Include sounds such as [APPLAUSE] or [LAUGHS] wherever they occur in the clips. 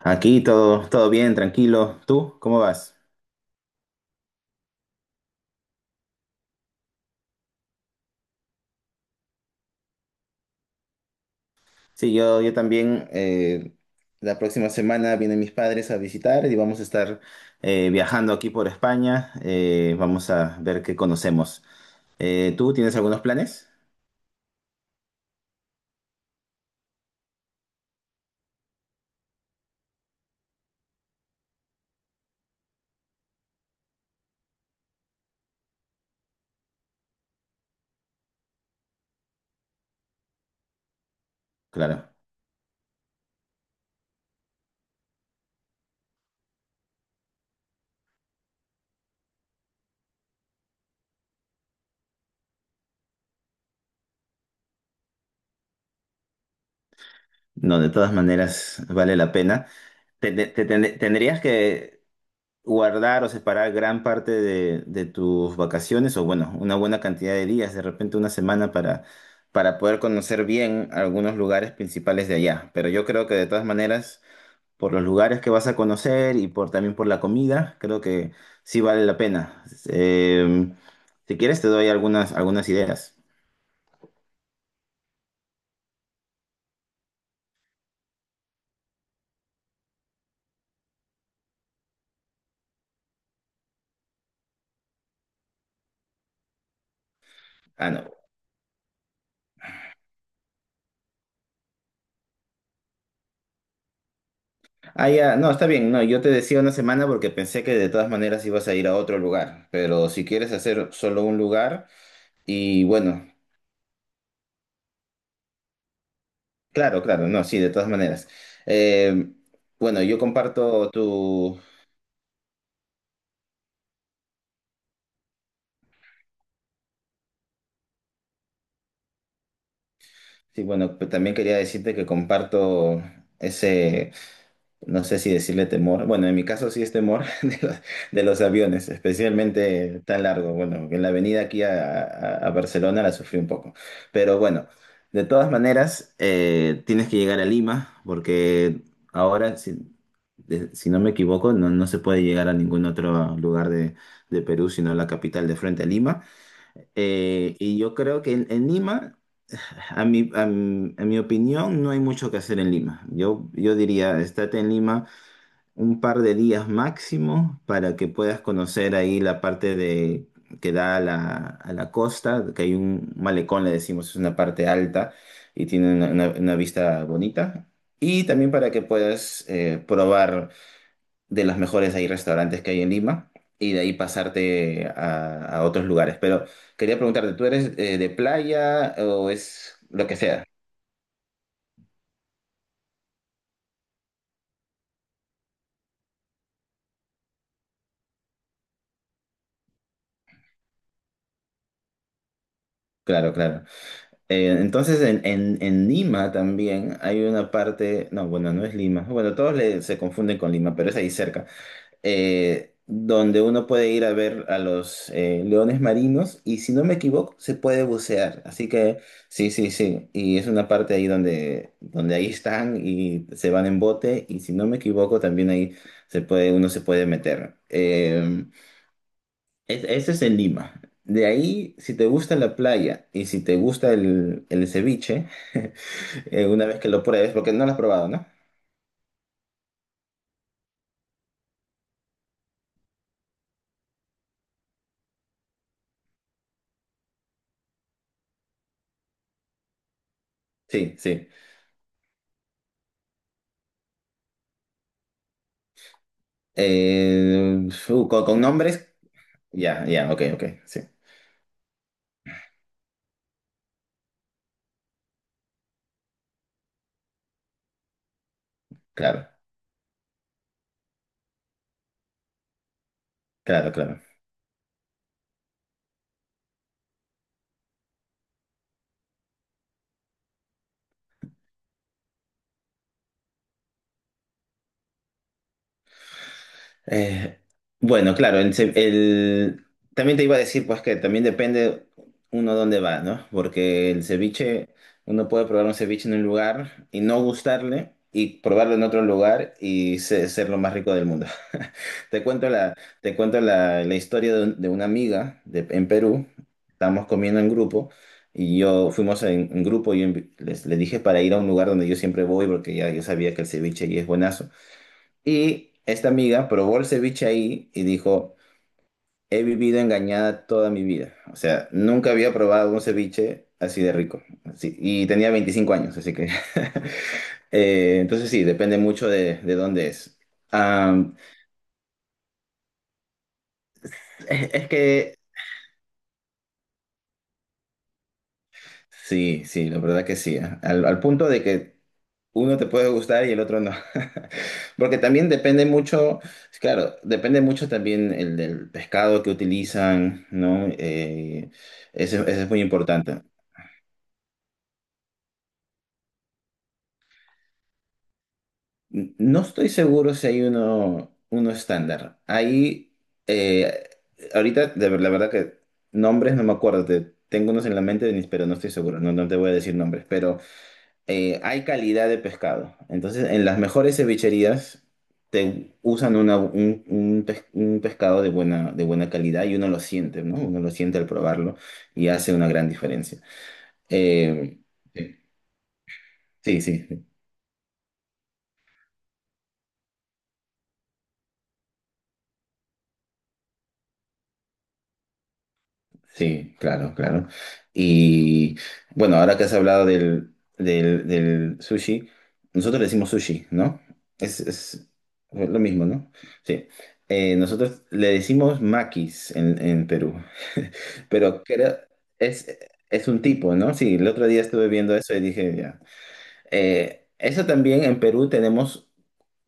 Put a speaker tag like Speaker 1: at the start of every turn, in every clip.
Speaker 1: Aquí todo bien, tranquilo. ¿Tú cómo vas? Sí, yo también. La próxima semana vienen mis padres a visitar y vamos a estar viajando aquí por España. Vamos a ver qué conocemos. ¿Tú tienes algunos planes? Claro. No, de todas maneras vale la pena. Tendrías que guardar o separar gran parte de tus vacaciones o bueno, una buena cantidad de días, de repente una semana para poder conocer bien algunos lugares principales de allá. Pero yo creo que de todas maneras, por los lugares que vas a conocer y por también por la comida, creo que sí vale la pena. Si quieres te doy algunas ideas. Ah, no. Ah, ya, no, está bien. No, yo te decía una semana porque pensé que de todas maneras ibas a ir a otro lugar. Pero si quieres hacer solo un lugar, y bueno, claro, claro, no, sí, de todas maneras. Eh, bueno, yo comparto tu, sí, bueno, pues también quería decirte que comparto ese, no sé si decirle temor, bueno, en mi caso sí es temor [LAUGHS] de los aviones, especialmente tan largo. Bueno, en la avenida aquí a Barcelona la sufrí un poco, pero bueno, de todas maneras tienes que llegar a Lima porque ahora, si no me equivoco, no, no se puede llegar a ningún otro lugar de Perú, sino a la capital de frente a Lima. Y yo creo que en Lima, a mi opinión, no hay mucho que hacer en Lima. Yo diría, estate en Lima un par de días máximo para que puedas conocer ahí la parte de que da a la costa, que hay un malecón, le decimos, es una parte alta y tiene una vista bonita. Y también para que puedas probar de los mejores ahí restaurantes que hay en Lima y de ahí pasarte a otros lugares. Pero quería preguntarte, ¿tú eres de playa o es lo que sea? Claro, claro. Entonces en Lima también hay una parte, no, bueno, no es Lima, bueno, todos se confunden con Lima, pero es ahí cerca, donde uno puede ir a ver a los leones marinos y si no me equivoco se puede bucear, así que sí, sí, sí, y es una parte ahí donde, donde ahí están y se van en bote y si no me equivoco también ahí uno se puede meter. Ese es en Lima. De ahí, si te gusta la playa y si te gusta el ceviche, una vez que lo pruebes, porque no lo has probado, ¿no? Sí, sí. Con nombres, ya, ya, ok, ok, sí. Claro, claro, claro. Eh, bueno, claro, también te iba a decir pues que también depende uno dónde va, ¿no? Porque el ceviche, uno puede probar un ceviche en un lugar y no gustarle y probarlo en otro lugar y ser lo más rico del mundo. [LAUGHS] Te cuento la, la historia de una amiga en Perú. Estábamos comiendo en grupo y yo fuimos en grupo y yo le dije para ir a un lugar donde yo siempre voy porque ya yo sabía que el ceviche ahí es buenazo. Y esta amiga probó el ceviche ahí y dijo, he vivido engañada toda mi vida. O sea, nunca había probado un ceviche así de rico. Y tenía 25 años, así que... [LAUGHS] Entonces sí, depende mucho de dónde es. Am, es que sí, sí, la verdad que sí. ¿Eh? Al punto de que uno te puede gustar y el otro no. [LAUGHS] Porque también depende mucho, claro, depende mucho también el del pescado que utilizan, ¿no? Eso es muy importante. No estoy seguro si hay uno estándar. Eh, Ahorita, la verdad que nombres no me acuerdo, tengo unos en la mente, Denis, pero no estoy seguro, no, no te voy a decir nombres, pero... Hay calidad de pescado. Entonces, en las mejores cevicherías te usan un pescado de buena calidad y uno lo siente, ¿no? Uno lo siente al probarlo y hace una gran diferencia. Eh, sí, sí. Sí, claro, claro. Y bueno, ahora que has hablado del sushi, nosotros le decimos sushi, ¿no? Es lo mismo, ¿no? Sí. Nosotros le decimos maquis en Perú, [LAUGHS] pero creo, es, es un tipo, ¿no? Sí, el otro día estuve viendo eso y dije, ya. Eso también en Perú tenemos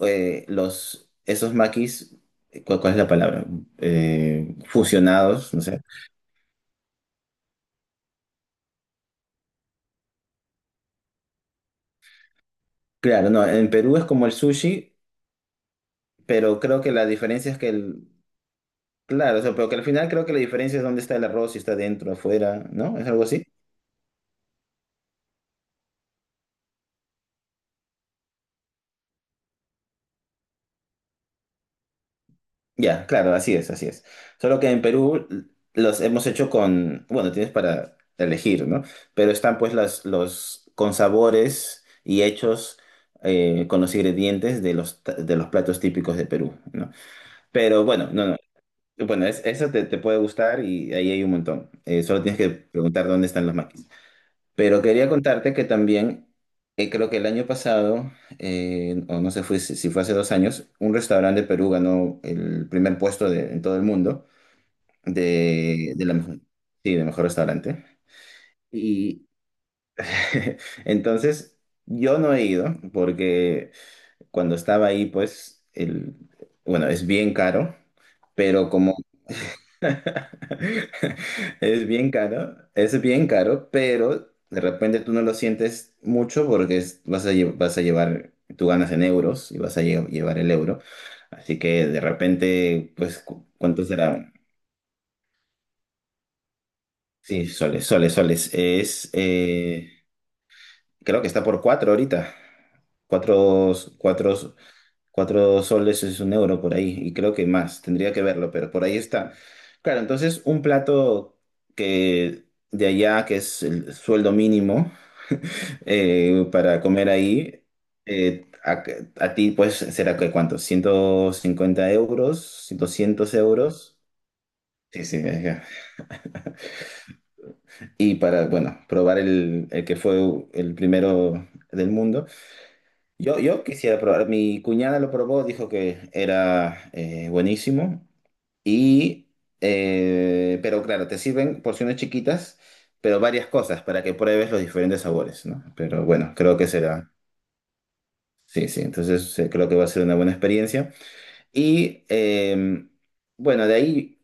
Speaker 1: esos maquis, ¿cuál es la palabra? Fusionados, no sé. Claro, no, en Perú es como el sushi, pero creo que la diferencia es que el, claro, o sea, pero que al final creo que la diferencia es dónde está el arroz, si está dentro, afuera, ¿no? ¿Es algo así? Ya, claro, así es, así es. Solo que en Perú los hemos hecho con, bueno, tienes para elegir, ¿no? Pero están pues los con sabores y hechos con los ingredientes de los platos típicos de Perú, ¿no? Pero bueno, no, no. Bueno, eso te puede gustar y ahí hay un montón. Solo tienes que preguntar dónde están los maquis. Pero quería contarte que también, creo que el año pasado, o no sé fue, si fue hace 2 años, un restaurante de Perú ganó el primer puesto en todo el mundo de la mejor, sí, de mejor restaurante. Y [LAUGHS] entonces yo no he ido porque cuando estaba ahí, pues, el, bueno, es bien caro, pero como [LAUGHS] es bien caro, es bien caro, pero de repente tú no lo sientes mucho porque vas a llevar, tú ganas en euros y vas a llevar el euro. Así que de repente, pues, ¿cuánto será? Sí, soles, soles, soles. Creo que está por cuatro ahorita. Cuatro, cuatro. 4 soles es un euro por ahí, y creo que más, tendría que verlo, pero por ahí está. Claro, entonces un plato que de allá, que es el sueldo mínimo [LAUGHS] para comer ahí, eh, a, a ti pues será que cuánto, 150 euros, 200 euros. Sí, sí, ya. Y para, bueno, probar el que fue el primero del mundo. Yo quisiera probar, mi cuñada lo probó, dijo que era buenísimo. Y, pero claro, te sirven porciones chiquitas, pero varias cosas para que pruebes los diferentes sabores, ¿no? Pero bueno, creo que será. Sí, sí, entonces creo que va a ser una buena experiencia. Y eh, bueno, de ahí,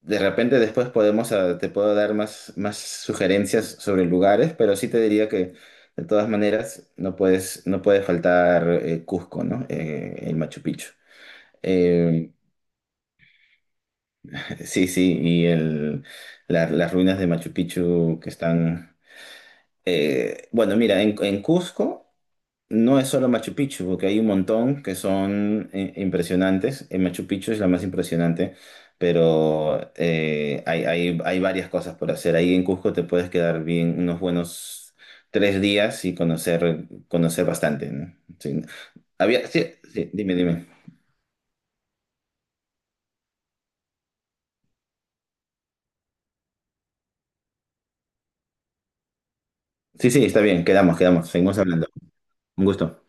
Speaker 1: de repente después podemos, ah, te puedo dar más sugerencias sobre lugares, pero sí te diría que de todas maneras no puede faltar Cusco, ¿no? El Machu Picchu. Eh, Sí, sí, y las ruinas de Machu Picchu que están... Bueno, mira, en Cusco no es solo Machu Picchu, porque hay un montón que son impresionantes. En Machu Picchu es la más impresionante, pero hay varias cosas por hacer. Ahí en Cusco te puedes quedar bien unos buenos 3 días y conocer bastante, ¿no? Sí. Había, sí, sí, dime, dime. Sí, sí, está bien, quedamos, quedamos, seguimos hablando. Un gusto.